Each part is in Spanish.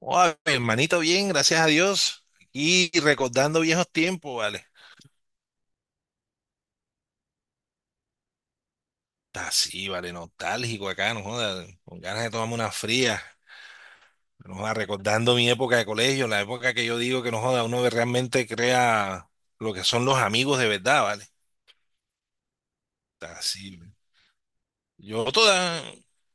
Oa, mi hermanito, bien, gracias a Dios. Y recordando viejos tiempos, vale. Está sí, vale, nostálgico acá, no joda, con ganas de tomarme una fría. No joda, recordando mi época de colegio, la época que yo digo que no joda, uno realmente crea lo que son los amigos de verdad, vale. Está sí, vale. Yo toda,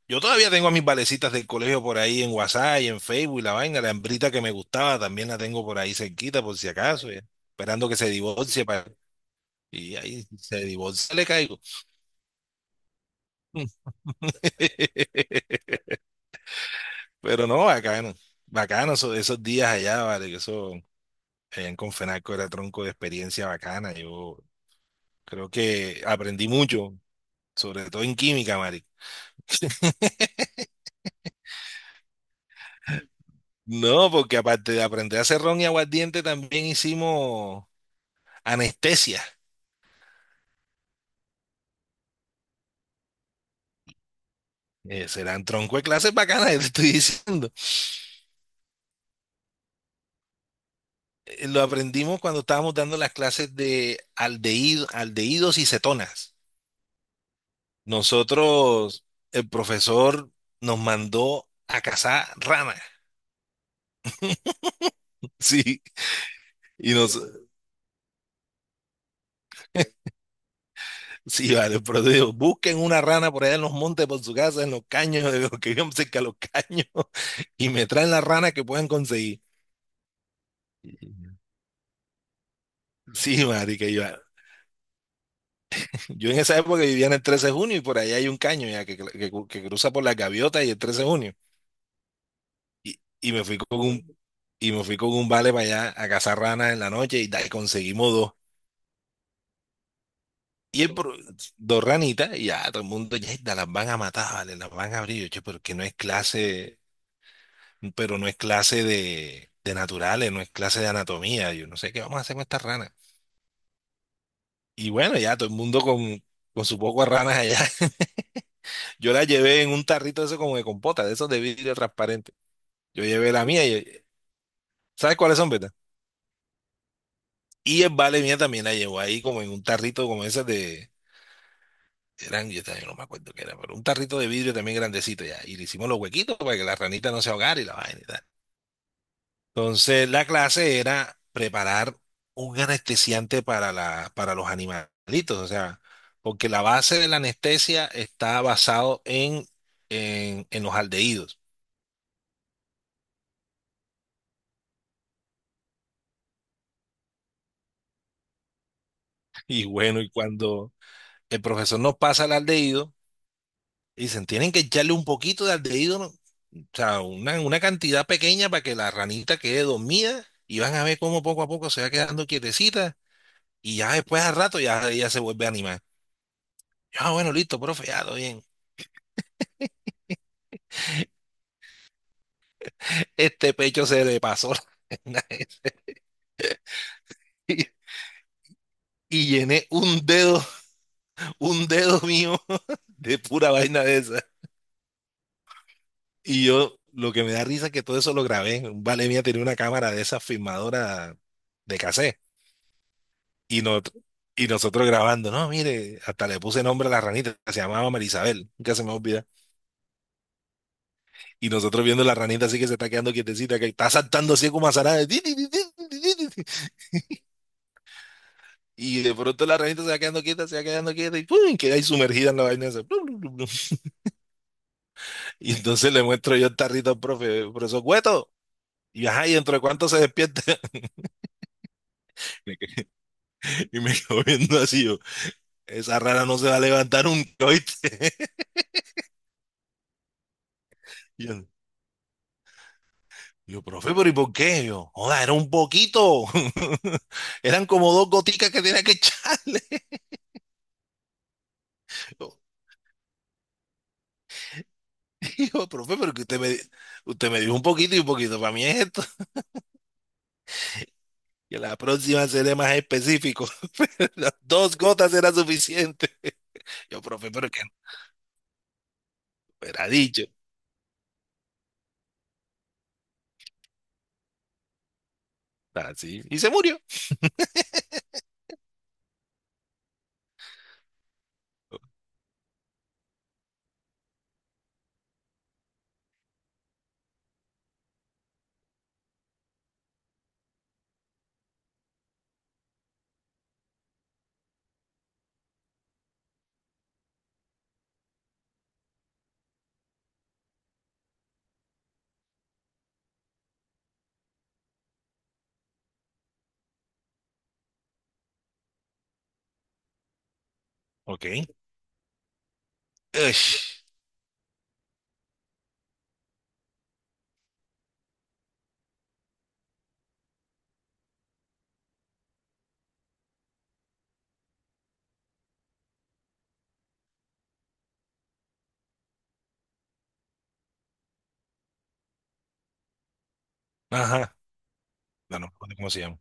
yo todavía tengo a mis valecitas del colegio por ahí en WhatsApp y en Facebook y la vaina, la hembrita que me gustaba también la tengo por ahí cerquita por si acaso, ya, esperando que se divorcie para... Y ahí se divorcia, le caigo. Mm. Pero no, bacano. Bacano esos días allá, vale, que eso allá en Confenalco era tronco de experiencia bacana. Yo creo que aprendí mucho, sobre todo en química, Mari. No, porque aparte de aprender a hacer ron y aguardiente, también hicimos anestesia. Serán tronco de clases bacanas, te estoy diciendo. Lo aprendimos cuando estábamos dando las clases de aldehídos y cetonas. Nosotros, el profesor nos mandó a cazar ranas. Sí, y nos, sí, vale, pero digo, busquen una rana por allá en los montes, por su casa, en los caños, de los que vivan cerca de los caños, y me traen la rana que puedan conseguir. Sí, marica, yo en esa época vivía en el 13 de junio y por allá hay un caño ya que, que cruza por la gaviota y el 13 de junio. Y me fui con un, y me fui con un vale para allá a cazar ranas en la noche y, y conseguimos dos. Y el pro- Dos ranitas, y ya todo el mundo, ya las van a matar, vale, las van a abrir, yo, che, porque no es clase, pero no es clase de naturales, no es clase de anatomía, yo no sé qué vamos a hacer con estas ranas. Y bueno, ya todo el mundo con su poco de ranas allá. Yo la llevé en un tarrito de eso como de compota, de esos de vidrio transparente. Yo llevé la mía, y, ¿sabes cuáles son, verdad? Y el vale mía también la llevó ahí como en un tarrito como ese de, eran, yo también no me acuerdo qué era, pero un tarrito de vidrio también grandecito ya. Y le hicimos los huequitos para que la ranita no se ahogara y la vaina y tal. Entonces, la clase era preparar un anestesiante para, la, para los animalitos, o sea, porque la base de la anestesia está basado en, en los aldehídos. Y bueno, y cuando el profesor nos pasa el aldehído, dicen, tienen que echarle un poquito de aldehído, ¿no? O sea, una cantidad pequeña para que la ranita quede dormida y van a ver cómo poco a poco se va quedando quietecita y ya después al rato ya ella se vuelve a animar. Yo, ah, bueno, listo, profe, ya, todo bien. Este pecho se le pasó la y, y llené un dedo mío de pura vaina de esa. Y yo, lo que me da risa es que todo eso lo grabé. Un vale mía tenía una cámara de esa filmadora de cassette. Y, y nosotros grabando, no, mire, hasta le puse nombre a la ranita, se llamaba Marisabel, nunca se me olvida. Y nosotros viendo la ranita así que se está quedando quietecita, que está saltando así como azarada. Di, di, di, di, di, di, di. Di. Y de pronto la ranita se va quedando quieta, se va quedando quieta y ¡pum! Queda ahí sumergida en la vaina esa. Plum, plum, plum, plum. Y entonces le muestro yo el tarrito al profe, profesor Cueto. Y ajá, ¿y dentro de cuánto se despierta? Y me quedo viendo así yo, esa rana no se va a levantar nunca, ¿oíste? Y yo, y yo, profe, pero ¿y por qué? Yo, joda, era un poquito. Eran como dos goticas que tenía que echarle. Yo, "Hijo, profe, pero que usted me, usted me dijo un poquito y un poquito. Para mí es esto. Que la próxima seré más específico. Las dos gotas era suficiente. Yo, profe, pero que no era dicho. Así. Y se murió. Ok. Ush. Ajá. No, no, me acuerdo, ¿cómo se llama?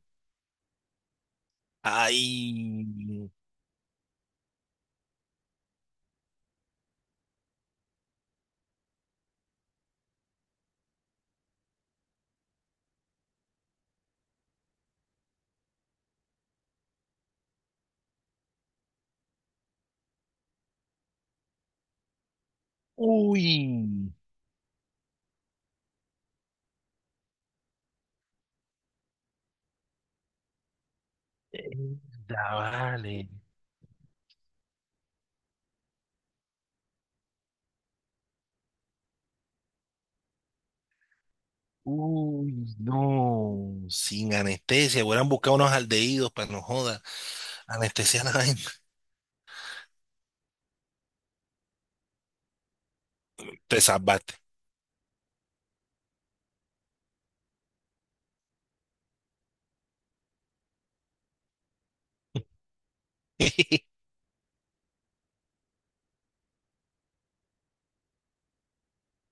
Ay. Uy. Ya, vale. Uy, no, sin anestesia, hubieran buscado unos aldehídos para no joda, anestesia la vaina. Te salvaste.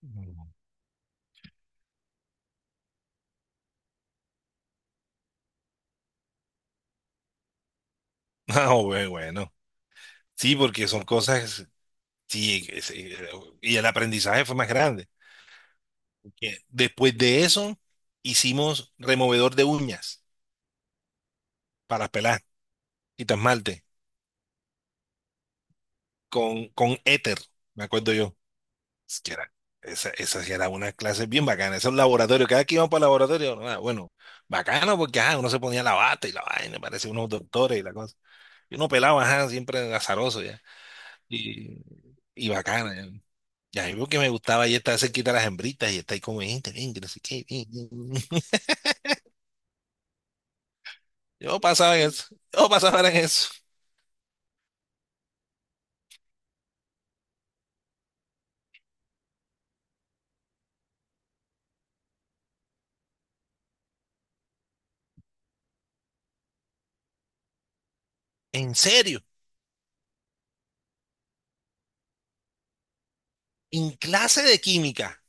No, no, bueno, sí, porque son cosas, sí, y el aprendizaje fue más grande. Que después de eso, hicimos removedor de uñas para pelar y esmalte con éter, me acuerdo yo. Es que era, esa sí era una clase bien bacana, esos laboratorios, cada que íbamos para el laboratorio, ah, bueno, bacano porque ajá, uno se ponía la bata y la vaina, parecía unos doctores y la cosa. Y uno pelaba, ajá, siempre azaroso ya. Y, y bacana. Ya. Y a mí lo que me gustaba y está cerquita a las hembritas y está ahí como gente, ven, que no sé qué. Ven, ven, ven". Yo pasaba en eso, yo pasaba en eso. En serio, en clase de química.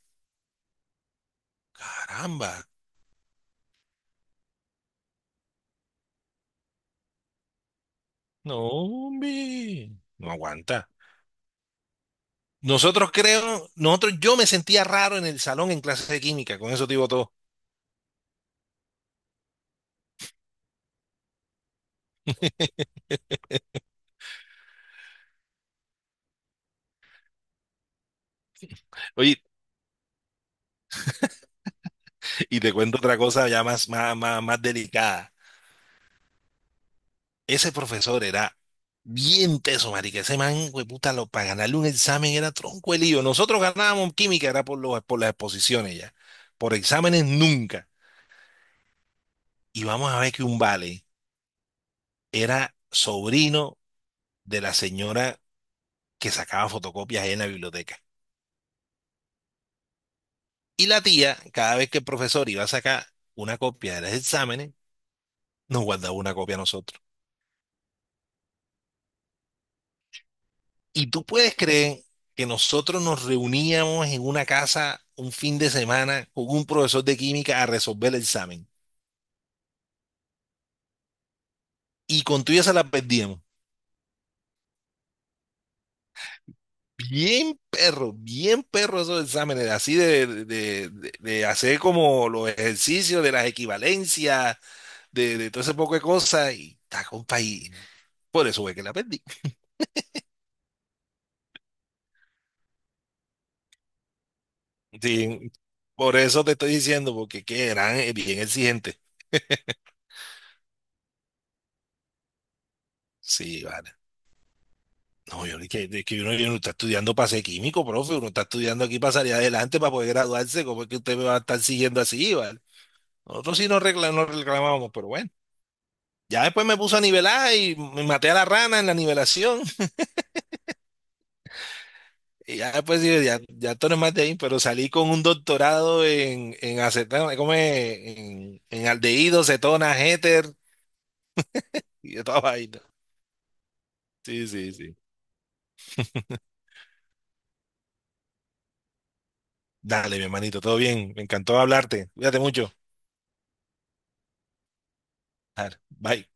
Caramba. No, hombre. No aguanta. Nosotros creo, nosotros, yo me sentía raro en el salón en clase de química, con eso te digo todo. Oye, y te cuento otra cosa ya más, más, más, más delicada. Ese profesor era bien teso, marica. Ese man, puta, lo, para ganarle un examen era tronco el lío. Nosotros ganábamos química, era por, los, por las exposiciones ya. Por exámenes nunca. Y vamos a ver que un vale era sobrino de la señora que sacaba fotocopias ahí en la biblioteca. Y la tía, cada vez que el profesor iba a sacar una copia de los exámenes, nos guardaba una copia a nosotros. Y tú puedes creer que nosotros nos reuníamos en una casa un fin de semana con un profesor de química a resolver el examen. Y con tuya se la perdíamos. Bien perro esos exámenes, así de, de hacer como los ejercicios de las equivalencias, de todo ese poco de cosas. Y está, compa, y por eso fue que la perdí. Sí, por eso te estoy diciendo, porque que eran bien exigentes. Sí, vale. No, yo ni que, de que uno, yo no está estudiando para ser químico, profe, uno está estudiando aquí para salir adelante, para poder graduarse, ¿cómo es que usted me va a estar siguiendo así, vale? Nosotros sí nos nos reclamábamos, pero bueno. Ya después me puso a nivelar y me maté a la rana en la nivelación. Y ya después dije, ya, ya esto no es más de ahí, pero salí con un doctorado en acetona, ¿cómo es? En aldehído, cetona, éter y de toda vaina. Sí, sí, sí. Dale, mi hermanito, todo bien. Me encantó hablarte. Cuídate mucho. Bye.